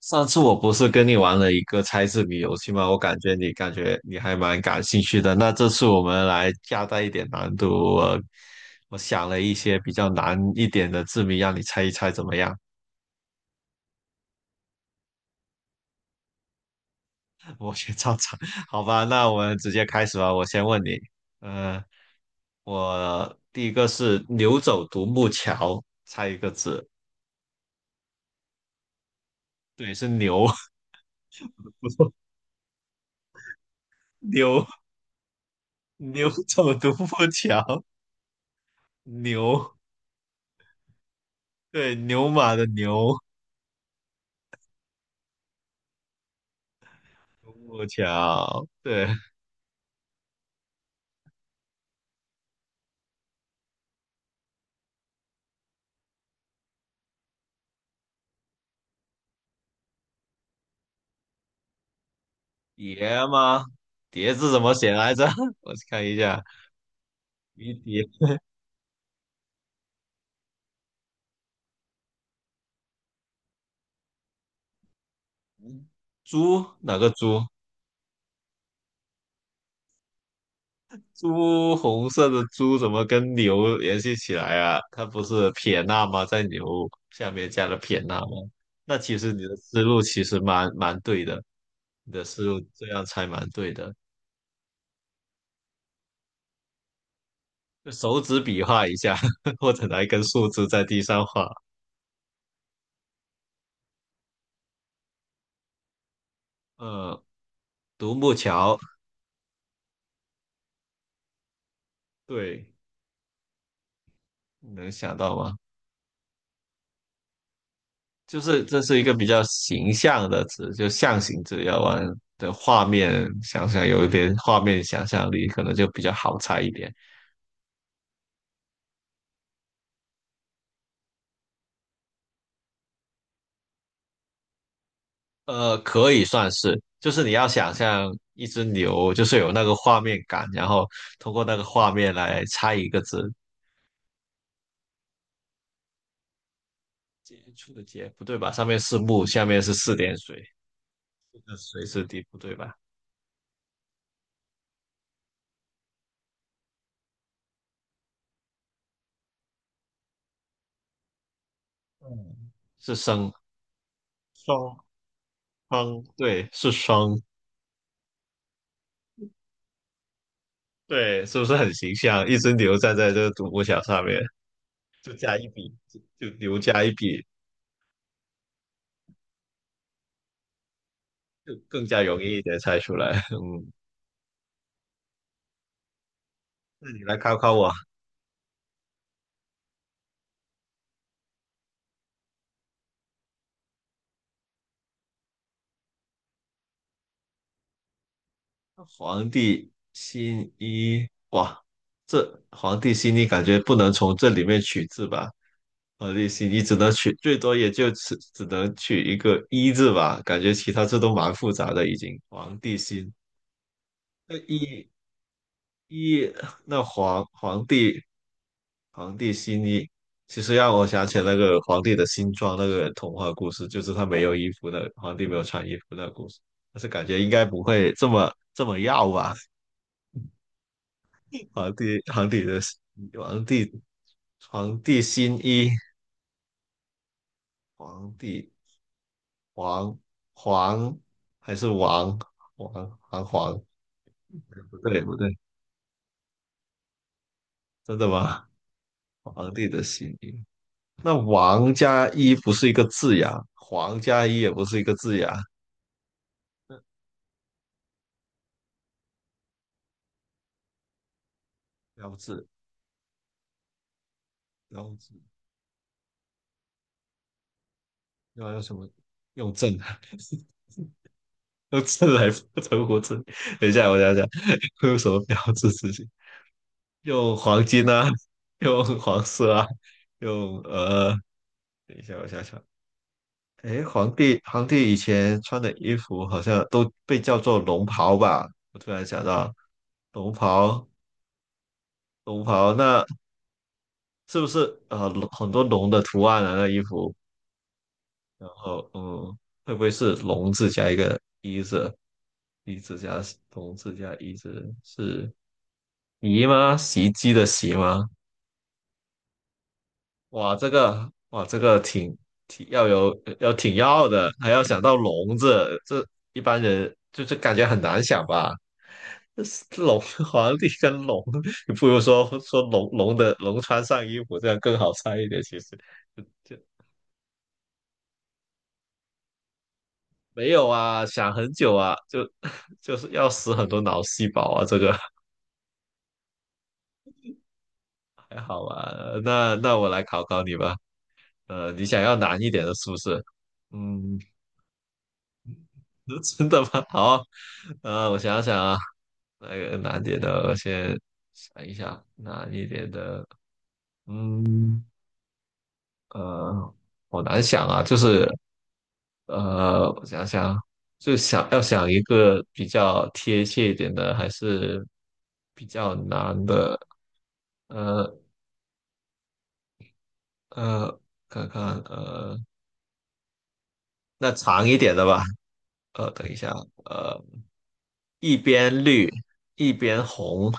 上次我不是跟你玩了一个猜字谜游戏吗？我感觉你还蛮感兴趣的。那这次我们来加大一点难度，我我想了一些比较难一点的字谜，让你猜一猜怎么样？我先照猜，好吧？那我们直接开始吧。我先问你，嗯，我第一个是牛走独木桥，猜一个字，对，是牛，牛，牛走独木桥，牛，对，牛马的牛。木桥，对，爷吗？蝶字怎么写来着？我看一下，鱼蝶，猪哪个猪？猪红色的猪怎么跟牛联系起来啊？它不是撇捺吗？在牛下面加了撇捺吗？那其实你的思路其实蛮对的，你的思路这样猜蛮对的。就手指比划一下，或者拿一根树枝在地上画。呃，独木桥，对，你能想到吗？就是这是一个比较形象的词，就象形字，要玩的画面想想，有一点画面想象力，可能就比较好猜一点。呃，可以算是，就是你要想象一只牛，就是有那个画面感，然后通过那个画面来猜一个字。接触的接不对吧？上面是木，下面是四点水，这个水是底不对吧？嗯，是生双双，对，是双，对，是不是很形象？一只牛站在这个独木桥上面。就加一笔，就留加一笔，就更加容易一点猜出来。嗯，那你来考考我，皇帝新衣，哇，这皇帝新衣感觉不能从这里面取字吧？皇帝新衣只能取，最多也就只能取一个一字吧，感觉其他字都蛮复杂的已经。皇帝新，那一那皇帝皇帝新衣，其实让我想起那个皇帝的新装那个童话故事，就是他没有衣服的，皇帝没有穿衣服那个故事。但是感觉应该不会这么要吧？皇帝皇帝的皇帝皇帝新衣，皇帝皇皇还是王？不对不对，真的吗？皇帝的新衣，那王加一不是一个字呀，皇加一也不是一个字呀，标志。标志。用还有什么用正啊？用正来存活证？等一下，我想想，会有什么标志事情？用黄金啊，用黄色啊，用呃，等一下，我想想，诶，皇帝以前穿的衣服好像都被叫做龙袍吧？我突然想到，龙袍，龙袍，那是不是龙很多龙的图案啊？那衣服，然后嗯，会不会是龙字加一个一字？一字加同字加一字是姨吗？袭击的袭吗？哇，这个哇，这个挺要有要挺要的，还要想到笼子，这一般人就是感觉很难想吧。这是龙 皇帝跟龙，你不如说说龙穿上衣服，这样更好猜一点。其实就没有啊，想很久啊，就 就是要死很多脑细胞啊，这个 还好吧？那我来考考你吧。呃，你想要难一点的，是不是？嗯，真的吗？好，我想想啊，那个难点的，我先想一想，难一点的，嗯，呃，好难想啊，就是呃，我想想，就想要想一个比较贴切一点的，还是比较难的，呃呃，看看，呃，那长一点的吧，呃，等一下，呃。一边绿，一边红，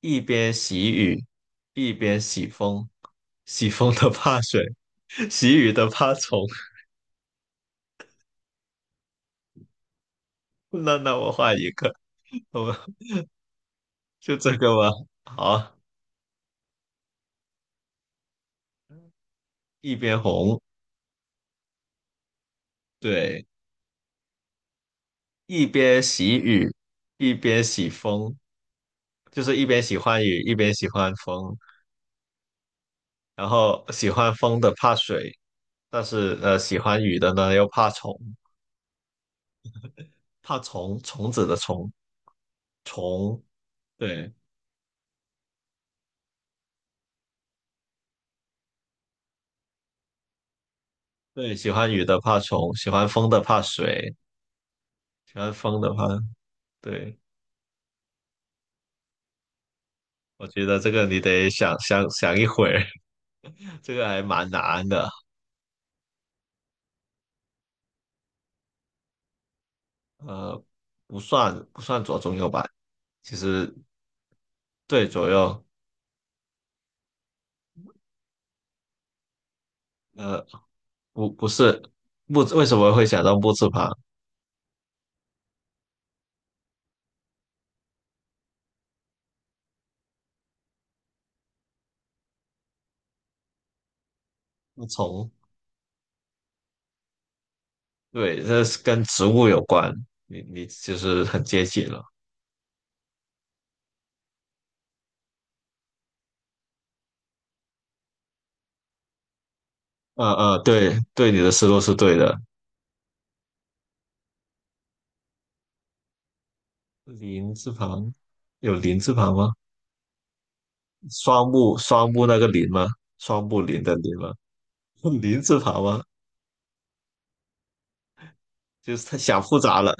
一边喜雨，一边喜风。喜风的怕水，喜雨的怕虫。那我画一个，我们就这个吧。好，一边红，对，一边喜雨，一边喜风，就是一边喜欢雨，一边喜欢风。然后喜欢风的怕水，但是喜欢雨的呢又怕虫，怕虫，虫子的虫，虫，对。对，喜欢雨的怕虫，喜欢风的怕水，喜欢风的怕……对，我觉得这个你得想想一会儿，这个还蛮难的。呃，不算左中右吧，其实对左右，呃，不是木，为什么会想到木字旁？木虫，对，这是跟植物有关，你其实很接近了。对，你的思路是对的。林字旁有林字旁吗？双木那个林吗？双木林的林吗？林字旁吗？就是他想复杂了，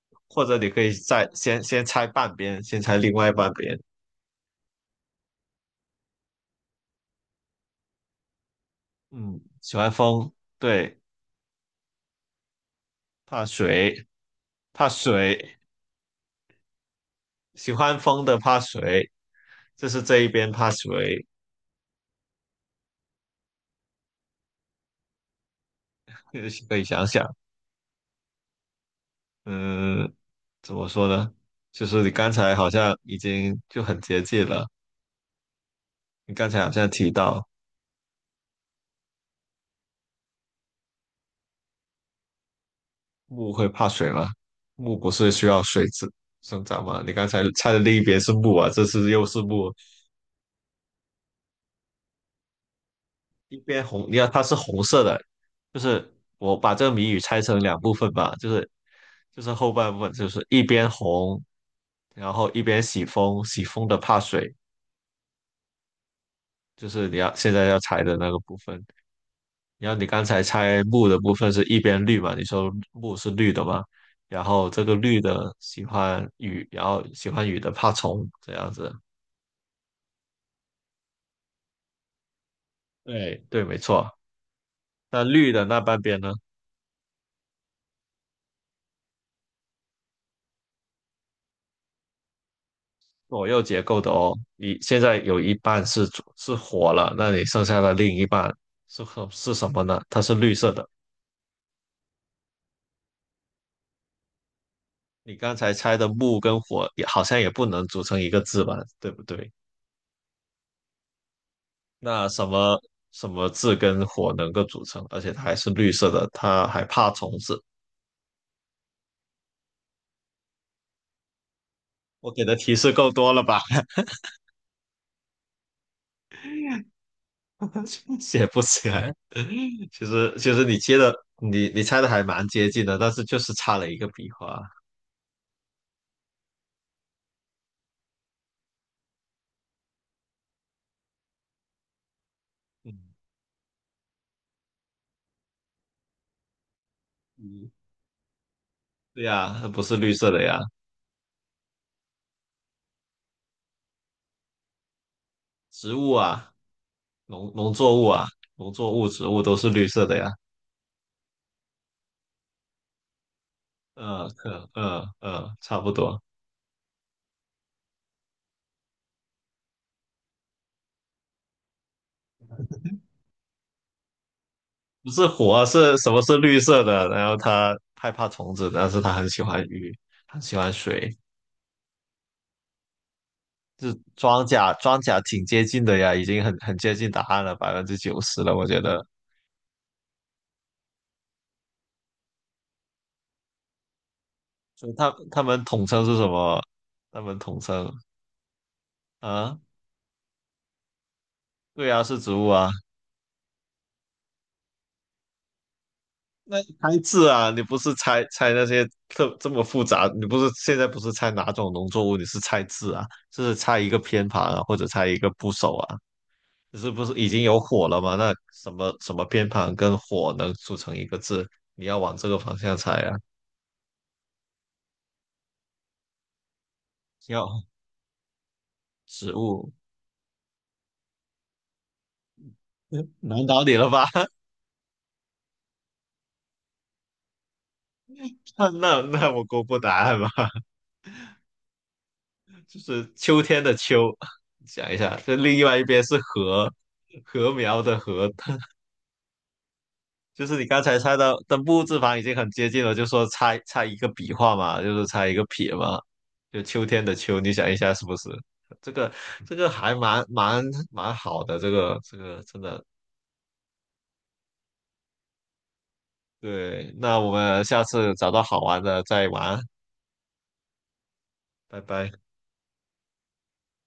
或者你可以再先猜半边，先猜另外半边。嗯，喜欢风，对，怕水，怕水，喜欢风的怕水，就是这一边怕水，可以想想，嗯，怎么说呢？就是你刚才好像已经就很接近了，你刚才好像提到。木会怕水吗？木不是需要生长吗？你刚才猜的另一边是木啊，这次又是木，一边红，你看它是红色的，就是我把这个谜语拆成两部分吧，就是后半部分就是一边红，然后一边喜风，喜风的怕水，就是你要现在要猜的那个部分。然后你刚才猜木的部分是一边绿嘛？你说木是绿的嘛？然后这个绿的喜欢雨，然后喜欢雨的怕虫，这样子。对，没错。那绿的那半边呢？左右结构的哦，你现在有一半是左是火了，那你剩下的另一半是什么呢？它是绿色的。你刚才猜的木跟火也好像也不能组成一个字吧，对不对？那什么字跟火能够组成，而且它还是绿色的，它还怕虫子。我给的提示够多了吧？写不起来。其实你接的你猜的还蛮接近的，但是就是差了一个笔画。嗯嗯，对呀，它不是绿色的呀，植物啊，农作物啊，农作物、植物都是绿色的呀。嗯，可，差不多。不是火啊，是什么是绿色的？然后它害怕虫子，但是它很喜欢鱼，很喜欢水。就是庄稼，庄稼挺接近的呀，已经很接近答案了，90%了，我觉得。所以它们统称是什么？它们统称啊，对呀，是植物啊。那你猜字啊，你不是猜那些特这么复杂，你不是现在不是猜哪种农作物，你是猜字啊，就是猜一个偏旁啊，或者猜一个部首啊。你是不是已经有火了吗？那什么偏旁跟火能组成一个字？你要往这个方向猜啊。要植物，嗯难倒你了吧？那我公布答案吧，就是秋天的秋。想一下，这另外一边是禾，禾苗的禾，就是你刚才猜的，登不字旁已经很接近了，就说猜一个笔画嘛，就是猜一个撇嘛，就秋天的秋，你想一下是不是？这个这个还蛮好的，这个这个真的对。那我们下次找到好玩的再玩，拜拜。